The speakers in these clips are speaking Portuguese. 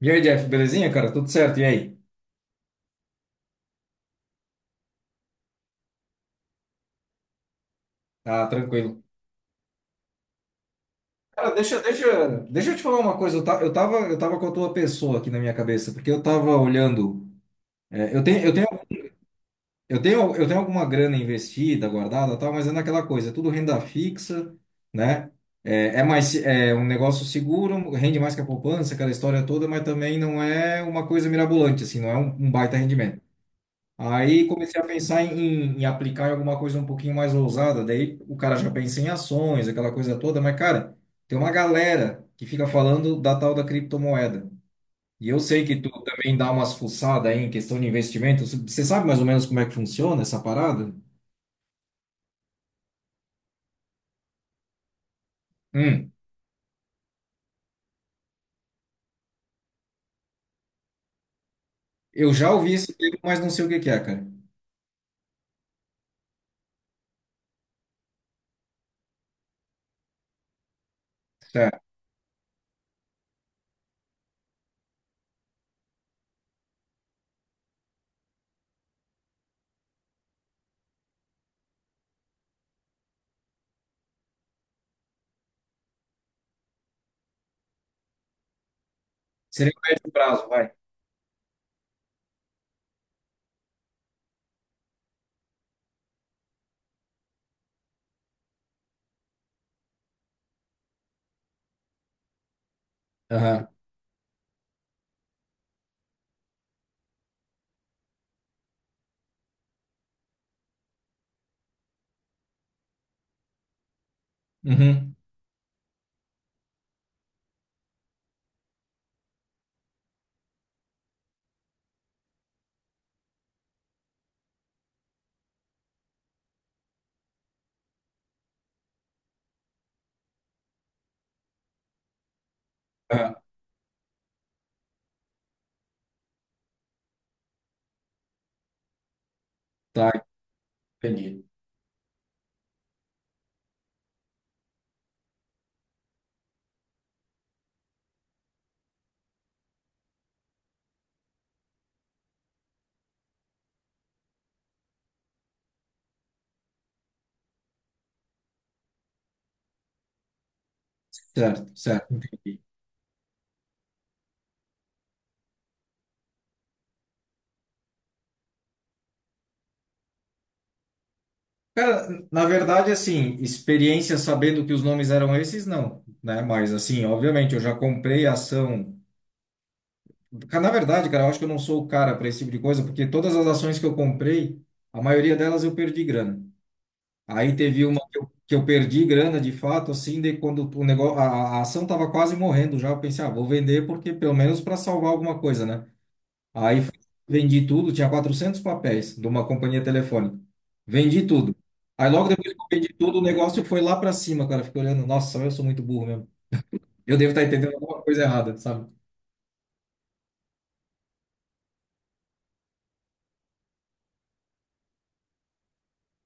E aí, Jeff, belezinha, cara? Tudo certo? E aí? Tá tranquilo. Cara, deixa eu te falar uma coisa. Eu tava com a tua pessoa aqui na minha cabeça, porque eu tava olhando. é, eu tenho, eu tenho, eu tenho alguma grana investida, guardada, e tal, mas é naquela coisa, é tudo renda fixa, né? É um negócio seguro, rende mais que a poupança, aquela história toda, mas também não é uma coisa mirabolante, assim, não é um baita rendimento. Aí comecei a pensar em aplicar em alguma coisa um pouquinho mais ousada. Daí o cara já pensa em ações, aquela coisa toda, mas, cara, tem uma galera que fica falando da tal da criptomoeda. E eu sei que tu também dá umas fuçadas aí em questão de investimento. Você sabe mais ou menos como é que funciona essa parada? Hum, eu já ouvi esse termo, mas não sei o que que é, cara. Tá. Seria o médio prazo, vai. Aham. Uhum. Aham. Tá, entendi. Certo, certo, entendi. Cara, na verdade, assim, experiência sabendo que os nomes eram esses, não, né? Mas, assim, obviamente, eu já comprei ação. Cara, na verdade, cara, eu acho que eu não sou o cara para esse tipo de coisa, porque todas as ações que eu comprei, a maioria delas eu perdi grana. Aí teve uma que eu perdi grana, de fato, assim, de quando o negócio, a ação tava quase morrendo já, eu pensei, ah, vou vender porque pelo menos para salvar alguma coisa, né? Aí fui- Vendi tudo, tinha 400 papéis de uma companhia telefônica. Vendi tudo. Aí logo depois que eu vendi tudo, o negócio foi lá para cima, cara. Fiquei olhando, nossa, eu sou muito burro mesmo. Eu devo estar entendendo alguma coisa errada, sabe?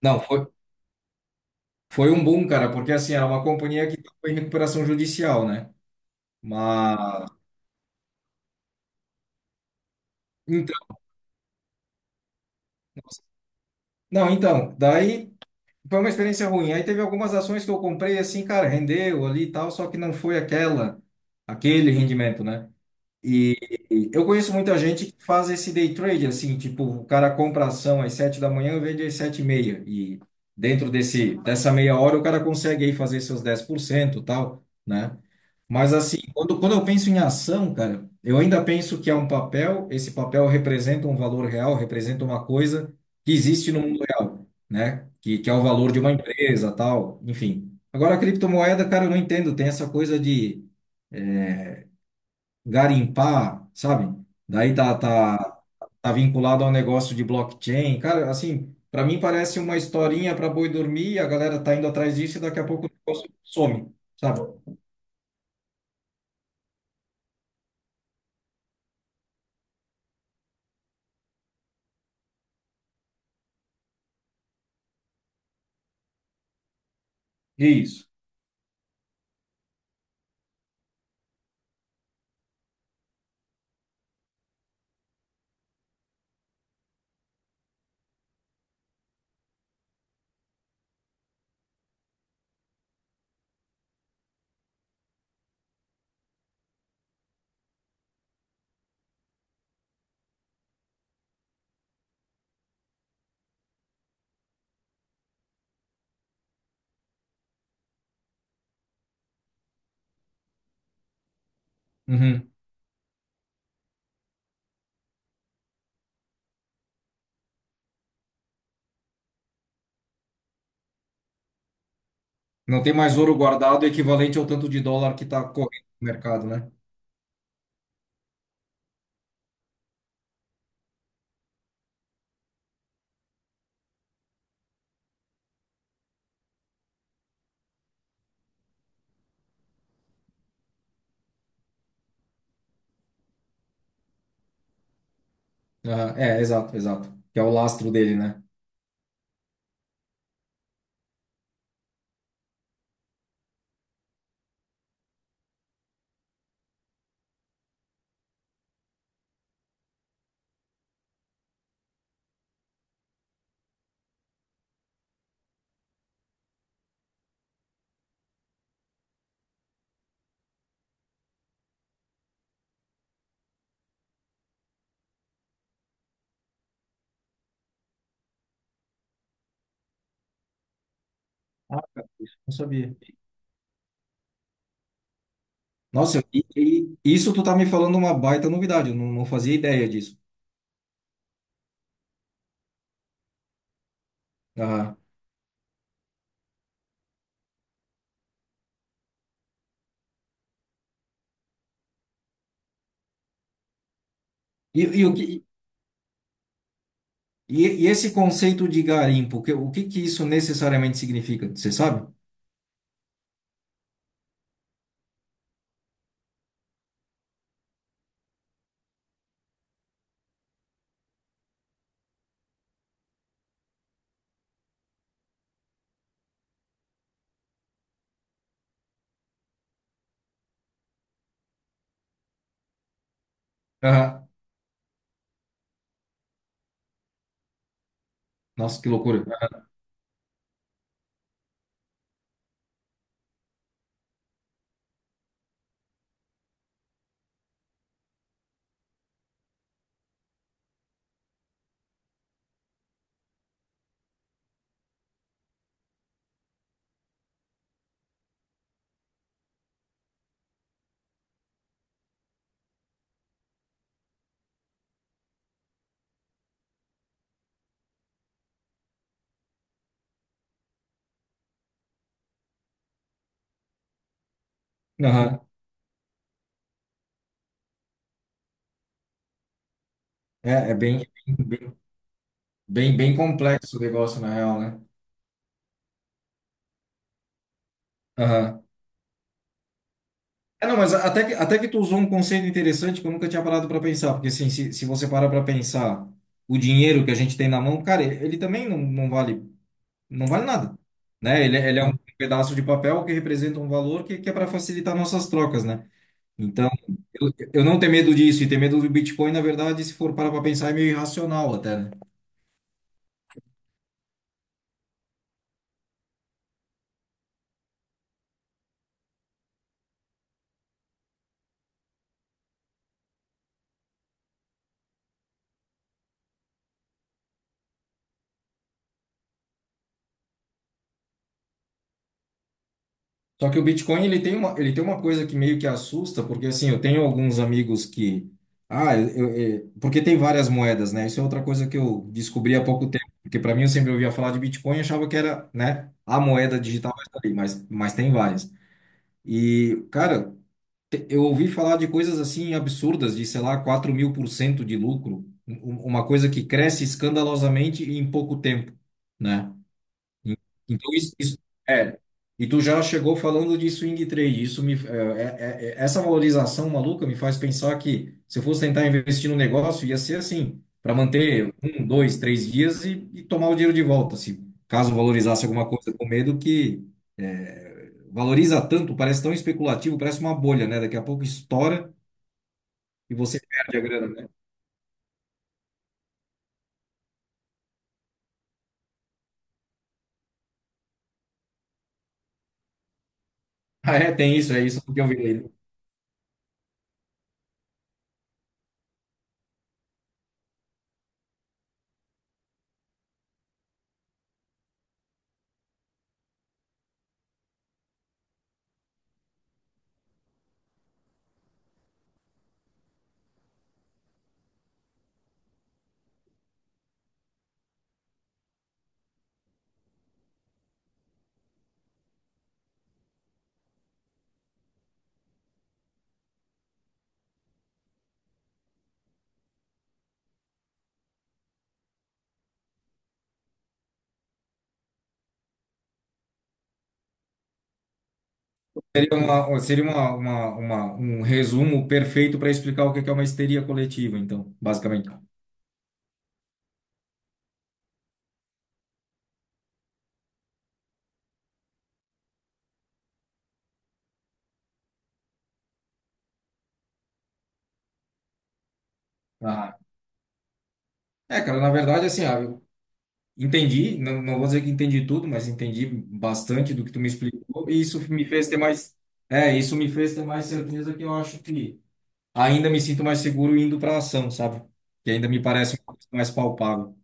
Não, foi, Foi um boom, cara, porque assim, era uma companhia que estava em recuperação judicial, né? Mas. Então, nossa. Não, então, daí foi uma experiência ruim. Aí teve algumas ações que eu comprei, assim, cara, rendeu ali e tal, só que não foi aquela, aquele rendimento, né? E e eu conheço muita gente que faz esse day trade, assim, tipo, o cara compra ação às 7 da manhã, vende às 7h30. E dentro desse, dessa meia hora o cara consegue aí fazer seus 10% e tal, né? Mas assim, quando eu penso em ação, cara, eu ainda penso que é um papel, esse papel representa um valor real, representa uma coisa que existe no mundo real, né? Que é o valor de uma empresa, tal, enfim. Agora, a criptomoeda, cara, eu não entendo, tem essa coisa de garimpar, sabe? Daí tá, Uhum. Tá, tá vinculado ao negócio de blockchain. Cara, assim, para mim parece uma historinha para boi dormir, a galera tá indo atrás disso e daqui a pouco o negócio some, sabe? E é isso. Uhum. Não tem mais ouro guardado equivalente ao tanto de dólar que tá correndo no mercado, né? Aham, é, exato, exato. Que é o lastro dele, né? Ah, cara, isso eu não sabia. Nossa, e isso tu tá me falando uma baita novidade, eu não fazia ideia disso. Aham. E, e o que, e esse conceito de garimpo, que- o que que isso necessariamente significa? Você sabe? Aham. Nossa, que loucura. Aham. É bem, bem complexo o negócio, na real, né? Aham. É, não, mas até que tu usou um conceito interessante que eu nunca tinha parado para pensar, porque assim, se você parar para pensar o dinheiro que a gente tem na mão, cara, ele também não vale, não vale nada, né? Ele é um pedaço de papel que representa um valor que é para facilitar nossas trocas, né? Então, eu não tenho medo disso, e ter medo do Bitcoin, na verdade, se for parar para pensar, é meio irracional até, né? Só que o Bitcoin, ele tem uma coisa que meio que assusta, porque assim, eu tenho alguns amigos que. Ah, porque tem várias moedas, né? Isso é outra coisa que eu descobri há pouco tempo, porque para mim eu sempre ouvia falar de Bitcoin e achava que era, né, a moeda digital, mas tá ali, mas tem várias. E, cara. Eu ouvi falar de coisas assim absurdas, de, sei lá, 4.000% de lucro, uma coisa que cresce escandalosamente em pouco tempo, né? En- Então, isso é. E tu já chegou falando de swing trade. Isso me, é, é, é- é, Essa valorização maluca me faz pensar que se eu fosse tentar investir no negócio, ia ser assim, para manter um, dois, três dias e tomar o dinheiro de volta. Se caso valorizasse alguma coisa com medo que é, valoriza tanto, parece tão especulativo, parece uma bolha, né? Daqui a pouco estoura e você perde a grana, né? Ah, é, tem isso, é isso que eu vi aí, né? Seria uma- Um resumo perfeito para explicar o que que é uma histeria coletiva, então, basicamente. Ah, é, cara, na verdade, assim, eu entendi, não, não vou dizer que entendi tudo, mas entendi bastante do que tu me explicou, e isso me fez ter mais certeza que eu acho que ainda me sinto mais seguro indo para ação, sabe? Que ainda me parece uma coisa mais palpável.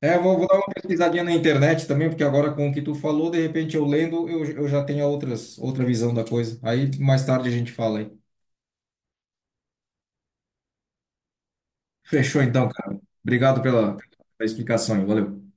É, eu vou dar uma pesquisadinha na internet também, porque agora com o que tu falou, de repente eu lendo, eu já tenho outras, outra visão da coisa. Aí mais tarde a gente fala aí. Fechou então, cara. Obrigado pela explicação aí. Valeu.